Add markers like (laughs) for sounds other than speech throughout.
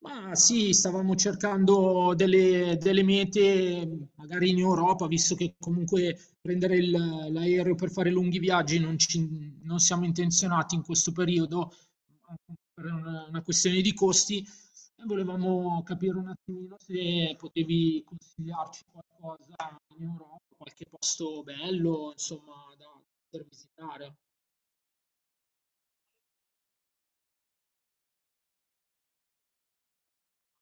Ma sì, stavamo cercando delle mete, magari in Europa, visto che comunque prendere l'aereo per fare lunghi viaggi non siamo intenzionati in questo periodo, anche per una questione di costi, e volevamo capire un attimino se potevi consigliarci qualcosa in Europa, qualche posto bello, insomma, da poter visitare.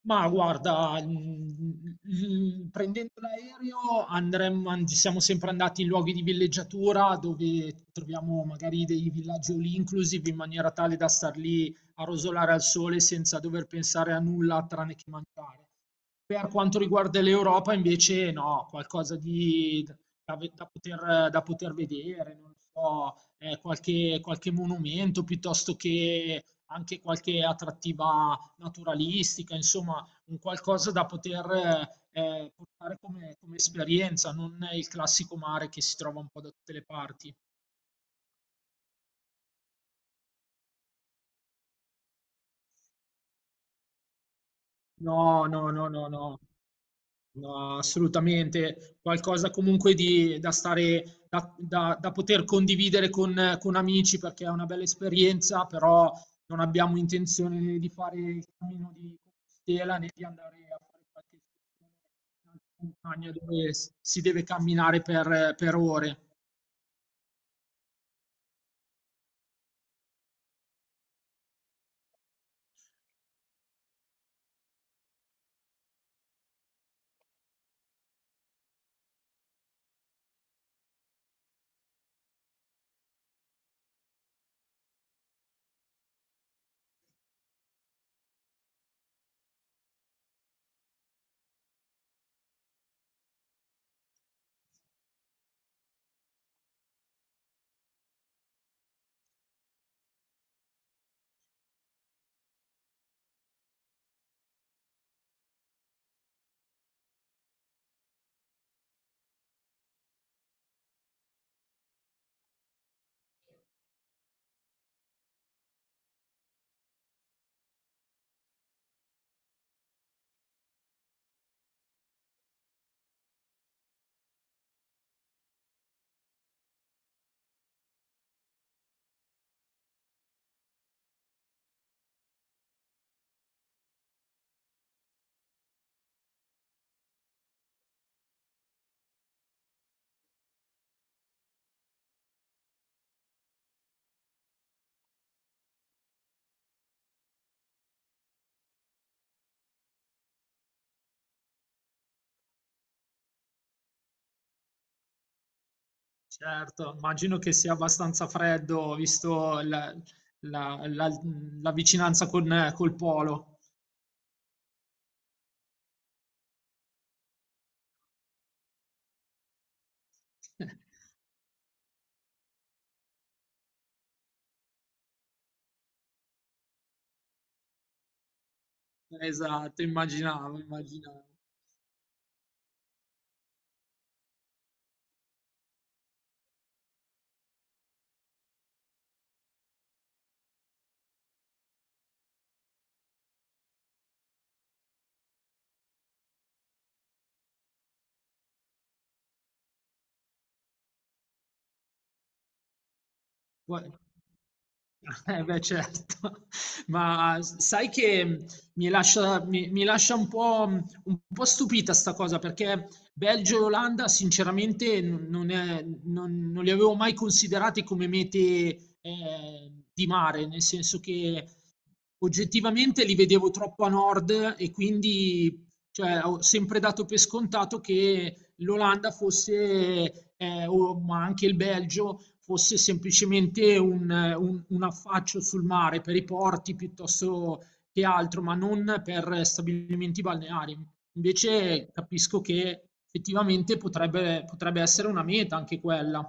Ma guarda, prendendo l'aereo siamo sempre andati in luoghi di villeggiatura dove troviamo magari dei villaggi all inclusive in maniera tale da star lì a rosolare al sole senza dover pensare a nulla tranne che mangiare. Per quanto riguarda l'Europa, invece, no, qualcosa di, da poter vedere, non lo so, qualche monumento piuttosto che anche qualche attrattiva naturalistica, insomma, un qualcosa da poter portare come, come esperienza, non il classico mare che si trova un po' da tutte le parti. No, no, no, no, no. No, assolutamente, qualcosa comunque di, da stare, da poter condividere con amici perché è una bella esperienza, però non abbiamo intenzione di fare il cammino di Compostela né di andare a fare qualche escursione in alta montagna dove si deve camminare per ore. Certo, immagino che sia abbastanza freddo visto la- la- la vicinanza con, col polo. (laughs) Esatto, immaginavo, immaginavo. Vuoi (laughs) Eh beh certo, (laughs) ma sai che mi lascia un po' stupita sta cosa perché Belgio e Olanda sinceramente n- non, è- non- non li avevo mai considerati come mete di mare, nel senso che oggettivamente li vedevo troppo a nord e quindi cioè, ho sempre dato per scontato che l'Olanda fosse, ma anche il Belgio, fosse semplicemente un affaccio sul mare per i porti piuttosto che altro, ma non per stabilimenti balneari. Invece capisco che effettivamente potrebbe essere una meta anche quella.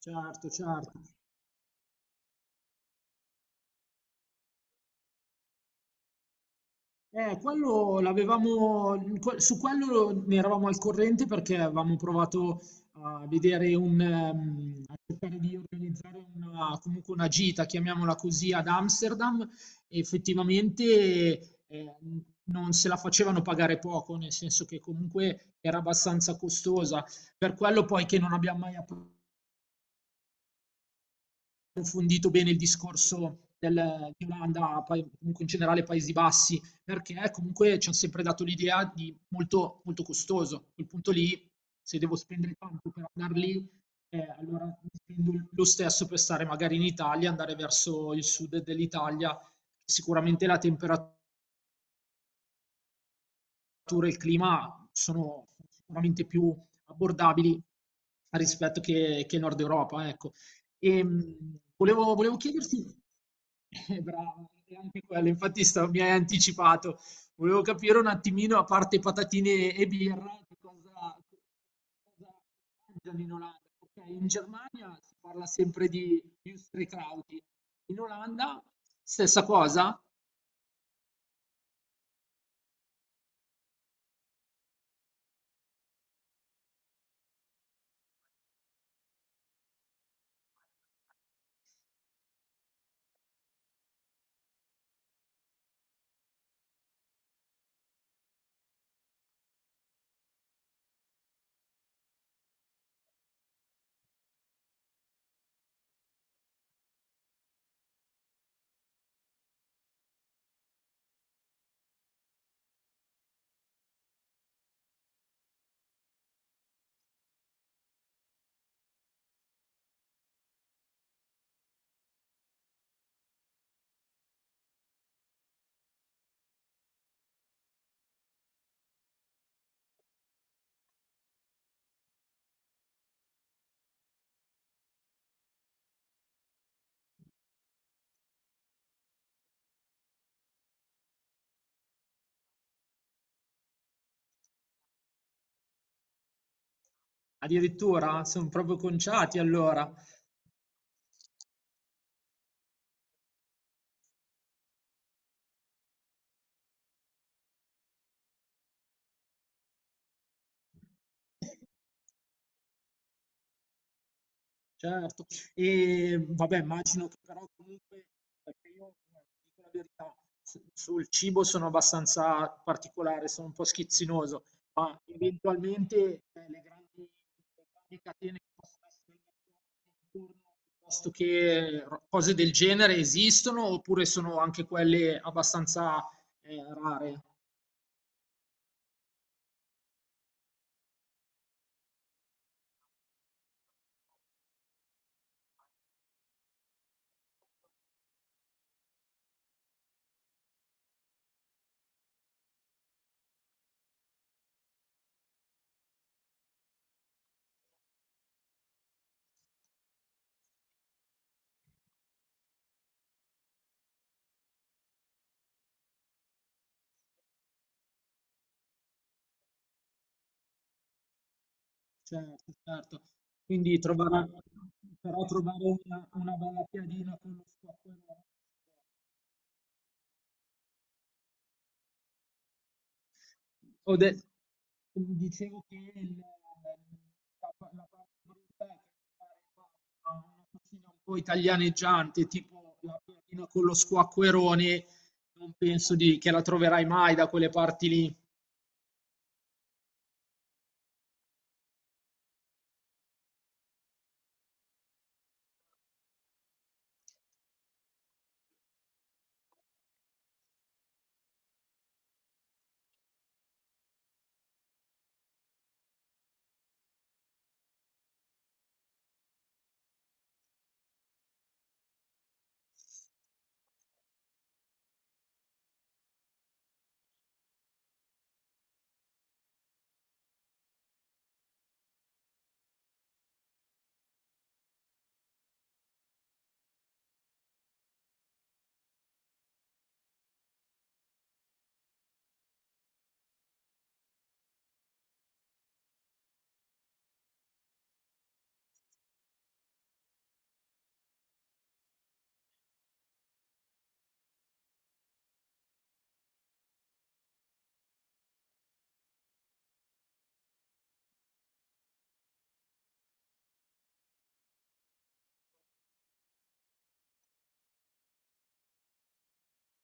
Certo, certo. Su quello ne eravamo al corrente perché avevamo provato a vedere a cercare di organizzare una, comunque una gita, chiamiamola così, ad Amsterdam e effettivamente non se la facevano pagare poco, nel senso che comunque era abbastanza costosa. Per quello poi che non abbiamo mai aperto approfondito bene il discorso di Olanda, poi comunque in generale Paesi Bassi, perché comunque ci hanno sempre dato l'idea di molto costoso. A quel punto lì, se devo spendere tanto per andare lì, allora spendo lo stesso per stare magari in Italia, andare verso il sud dell'Italia. Sicuramente la temperatura e il clima sono sicuramente più abbordabili rispetto che il nord Europa, ecco. E, volevo chiederti, brava, e anche quello, infatti mi hai anticipato, volevo capire un attimino, a parte patatine e birra, che cosa mangiano in Olanda. Ok, in Germania si parla sempre di Würstelkrauti, in Olanda stessa cosa, addirittura sono proprio conciati allora. Certo. Vabbè, immagino che però comunque perché io, dico la verità, s sul cibo sono abbastanza particolare, sono un po' schizzinoso, ma eventualmente, le grandi catene che possono essere intorno, piuttosto che ro cose del genere esistono oppure sono anche quelle abbastanza, rare? Certo, certo. Quindi trovare però trovare una bella piadina con lo squacquerone. Ho de dicevo che il la parte brutta è che fare una cucina un po' italianeggiante, tipo la piadina con lo squacquerone, non penso di che la troverai mai da quelle parti lì.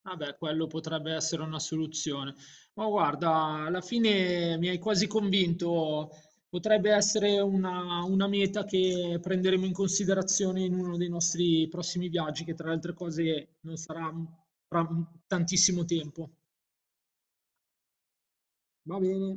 Vabbè, quello potrebbe essere una soluzione. Ma guarda, alla fine mi hai quasi convinto. Potrebbe essere una meta che prenderemo in considerazione in uno dei nostri prossimi viaggi, che tra le altre cose non sarà fra tantissimo tempo. Va bene.